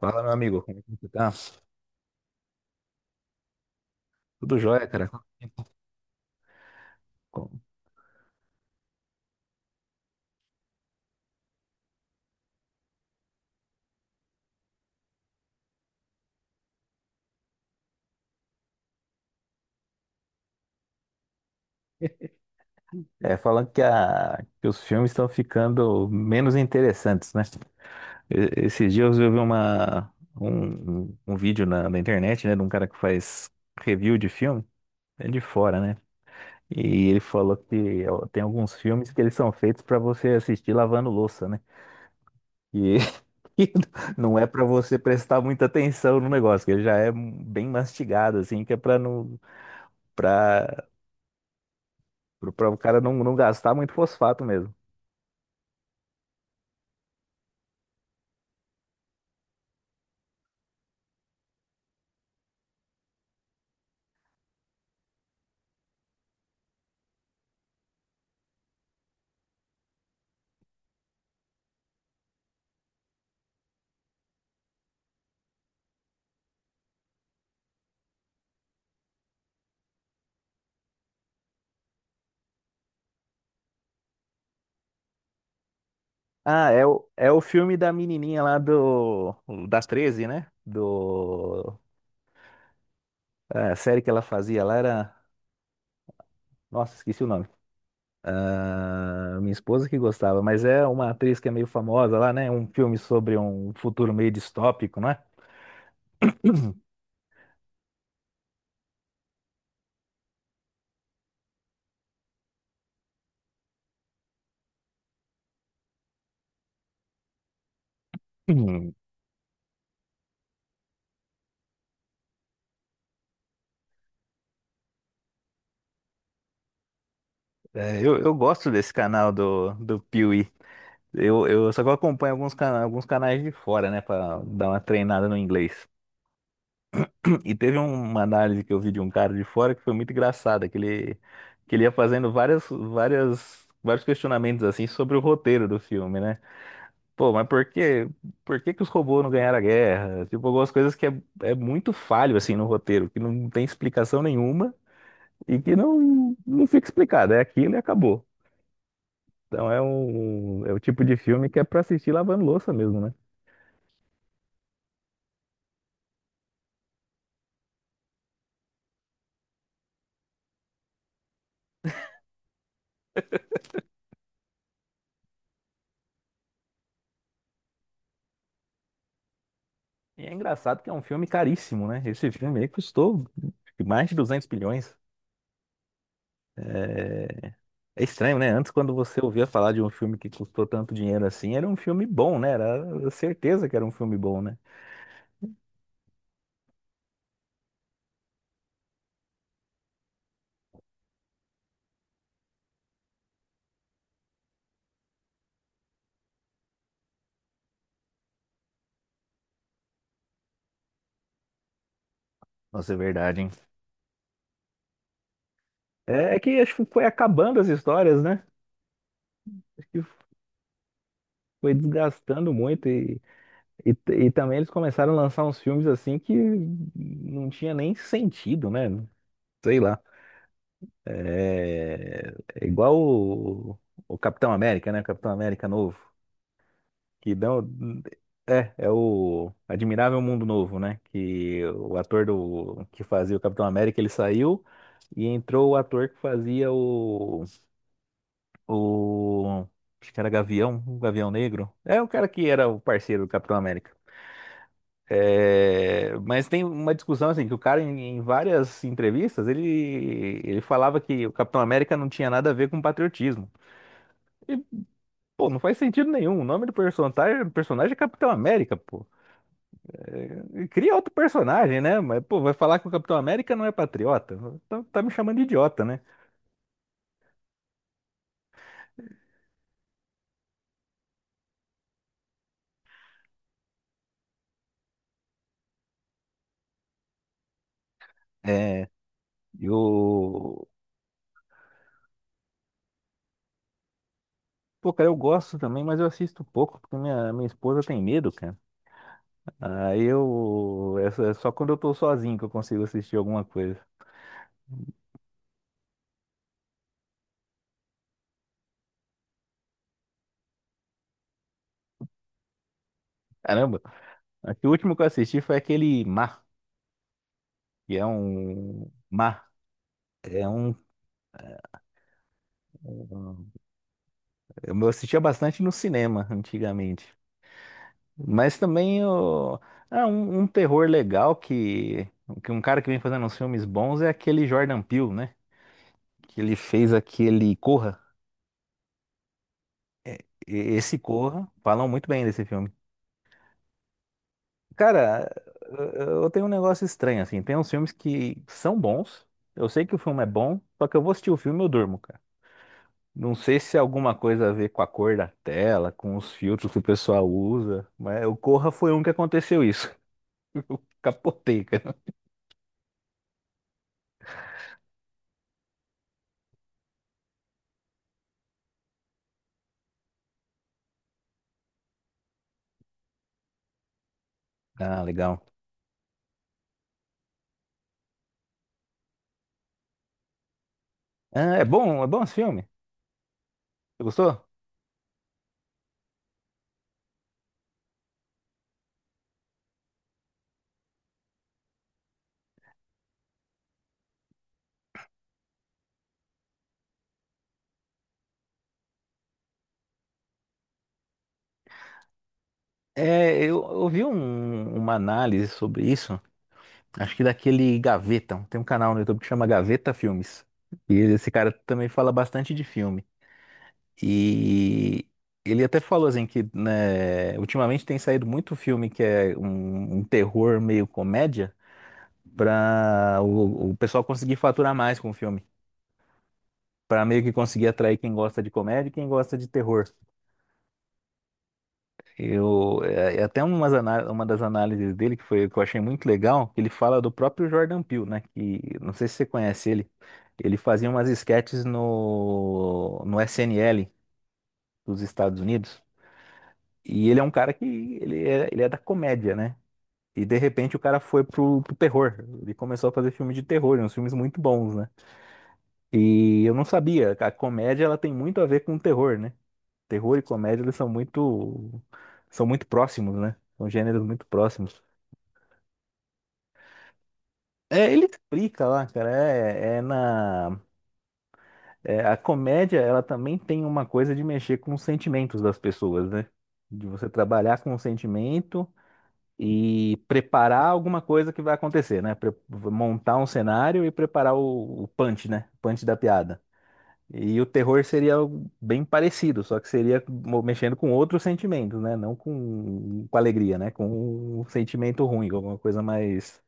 Fala, meu amigo, como é que você tá? Tudo jóia, cara. Quanto tempo? Como- É, falando que os filmes estão ficando menos interessantes, né? Esses dias eu vi uma, um, um um vídeo na internet, né, de um cara que faz review de filme, é de fora, né? E ele falou que ó, tem alguns filmes que eles são feitos pra você assistir lavando louça, né? E não é pra você prestar muita atenção no negócio, que ele já é bem mastigado, assim, que é pra não, para o cara não gastar muito fosfato mesmo. Ah, é o filme da menininha lá das 13, né? A série que ela fazia lá era, nossa, esqueci o nome. Ah, minha esposa que gostava, mas é uma atriz que é meio famosa lá, né? Um filme sobre um futuro meio distópico, não é? Hum. É, eu gosto desse canal do Piuí. Eu só que eu acompanho alguns canais, de fora, né, pra dar uma treinada no inglês. E teve uma análise que eu vi de um cara de fora que foi muito engraçada, que ele ia fazendo vários questionamentos assim sobre o roteiro do filme, né? Pô, mas por que que os robôs não ganharam a guerra? Tipo, algumas coisas que é muito falho assim no roteiro, que não tem explicação nenhuma e que não fica explicado. É aquilo e acabou. Então é o tipo de filme que é pra assistir lavando louça mesmo, né? E é engraçado que é um filme caríssimo, né? Esse filme aí custou mais de 200 bilhões. É... é estranho, né? Antes, quando você ouvia falar de um filme que custou tanto dinheiro assim, era um filme bom, né? Era certeza que era um filme bom, né? Nossa, é verdade, hein? É que acho que foi acabando as histórias, né? Acho que foi desgastando muito e também eles começaram a lançar uns filmes assim que não tinha nem sentido, né? Sei lá. É igual o Capitão América, né? O Capitão América novo. Que dão, é o Admirável Mundo Novo, né? Que o ator que fazia o Capitão América, ele saiu e entrou o ator que fazia o, acho que era Gavião, o Gavião Negro. É o cara que era o parceiro do Capitão América. É, mas tem uma discussão assim, que o cara em várias entrevistas, ele falava que o Capitão América não tinha nada a ver com patriotismo. Pô, não faz sentido nenhum. O nome do personagem é Capitão América, pô. É, cria outro personagem, né? Mas, pô, vai falar que o Capitão América não é patriota? Tá me chamando de idiota, né? É, eu. Pô, cara, eu gosto também, mas eu assisto pouco, porque minha esposa tem medo, cara. Aí eu. É só quando eu tô sozinho que eu consigo assistir alguma coisa. Caramba, acho que o último que eu assisti foi aquele Mar, que é um. Mar. É um. Um, Eu assistia bastante no cinema antigamente. Mas também é um terror legal que um cara que vem fazendo uns filmes bons é aquele Jordan Peele, né? Que ele fez aquele Corra. Esse Corra, falam muito bem desse filme. Cara, eu tenho um negócio estranho, assim. Tem uns filmes que são bons. Eu sei que o filme é bom, só que eu vou assistir o filme e eu durmo, cara. Não sei se é alguma coisa a ver com a cor da tela, com os filtros que o pessoal usa, mas o Corra foi um que aconteceu isso. Capotei, cara. Ah, legal. Ah, é bom esse filme? Você gostou? É, eu ouvi uma análise sobre isso, acho que daquele Gaveta. Tem um canal no YouTube que chama Gaveta Filmes. E esse cara também fala bastante de filme. E ele até falou assim que, né, ultimamente tem saído muito filme que é um terror meio comédia para o pessoal conseguir faturar mais com o filme. Para meio que conseguir atrair quem gosta de comédia e quem gosta de terror. Eu, é, é até umas uma das análises dele que foi que eu achei muito legal, que ele fala do próprio Jordan Peele, né? Que não sei se você conhece ele. Ele fazia umas esquetes no SNL dos Estados Unidos. E ele é um cara que ele é da comédia, né? E de repente o cara foi pro terror. Ele começou a fazer filme de terror, uns filmes muito bons, né? E eu não sabia, a comédia ela tem muito a ver com o terror, né? Terror e comédia eles são muito próximos, né? São gêneros muito próximos. É, ele explica lá, cara. A comédia, ela também tem uma coisa de mexer com os sentimentos das pessoas, né? De você trabalhar com o sentimento e preparar alguma coisa que vai acontecer, né? Montar um cenário e preparar o punch, né? O Punch da piada. E o terror seria algo bem parecido, só que seria mexendo com outros sentimentos, né? Não com alegria, né? Com um sentimento ruim, alguma coisa mais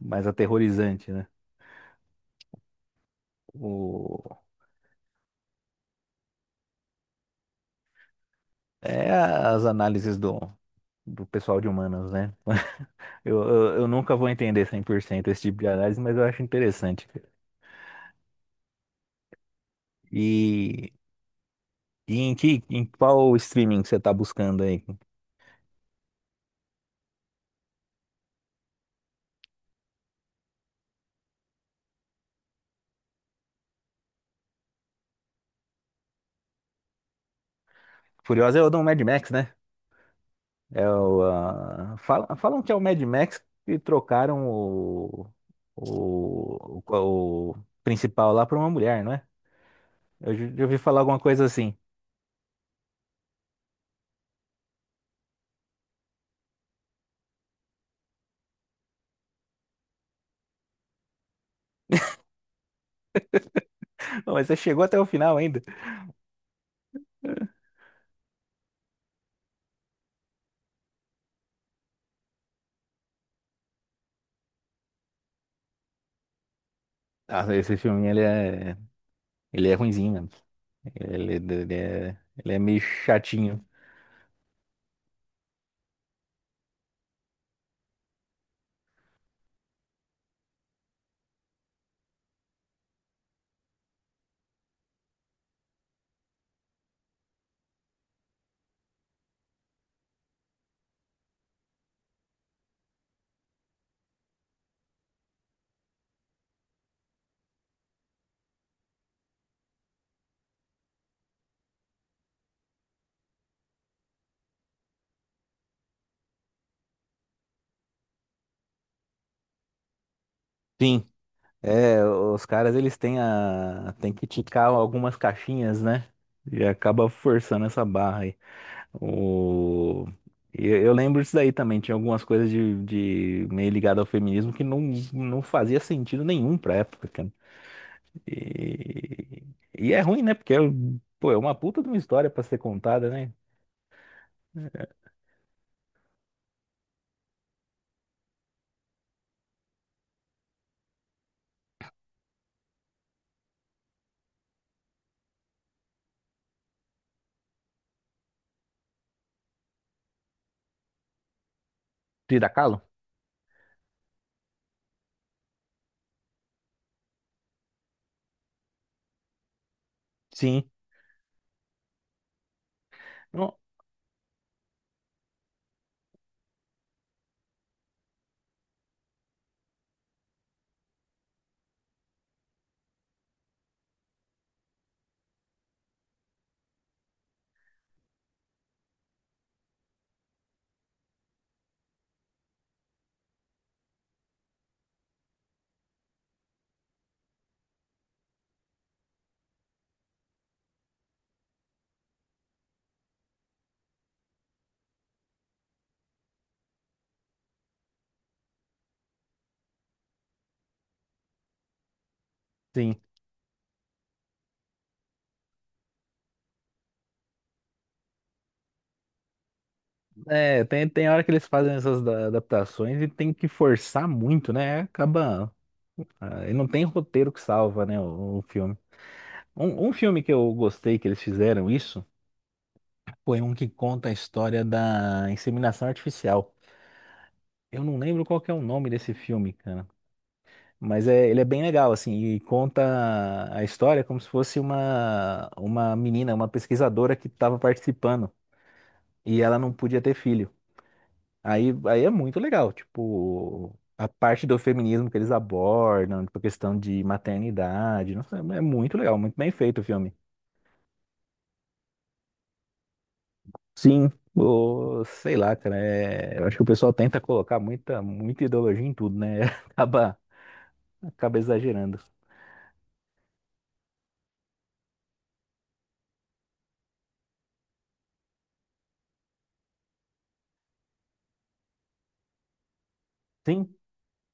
mais aterrorizante, né? É as análises do pessoal de humanas, né? Eu nunca vou entender 100% esse tipo de análise, mas eu acho interessante. E, e em qual streaming que você tá buscando aí? Furiosa é o do Mad Max, né? Ah, falam que é o Mad Max que trocaram o principal lá pra uma mulher, não é? Eu já ouvi falar alguma coisa assim. Mas você chegou até o final ainda. Ah, esse filme, ele é ruinzinho, né? Ele, ele é, ele é meio chatinho. Sim, é, os caras eles têm tem que ticar algumas caixinhas, né? E acaba forçando essa barra aí. O... eu lembro disso daí também, tinha algumas coisas de meio ligado ao feminismo que não fazia sentido nenhum pra época, cara. E, e é ruim, né? Porque, pô, é uma puta de uma história pra ser contada, né? Frida Kahlo? Sim. Não, sim. É, tem hora que eles fazem essas adaptações e tem que forçar muito, né? Acaba. Ah, ele não tem roteiro que salva, né? O filme. Um filme que eu gostei que eles fizeram isso foi um que conta a história da inseminação artificial. Eu não lembro qual que é o nome desse filme, cara. Mas ele é bem legal, assim, e conta a história como se fosse uma, menina, uma pesquisadora que estava participando e ela não podia ter filho. Aí é muito legal, tipo, a parte do feminismo que eles abordam, tipo, a questão de maternidade, nossa, é muito legal, muito bem feito o filme. Sim, sei lá, cara, eu acho que o pessoal tenta colocar muita, muita ideologia em tudo, né? Acaba, acaba, exagerando. Sim,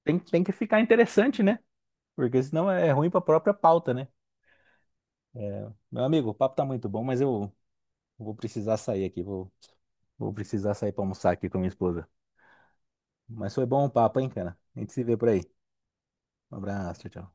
tem que ficar interessante, né? Porque senão é ruim pra própria pauta, né? Meu amigo, o papo tá muito bom, mas eu vou precisar sair aqui, vou precisar sair pra almoçar aqui com minha esposa. Mas foi bom o papo, hein, cara? A gente se vê por aí. Um abraço, tchau, tchau.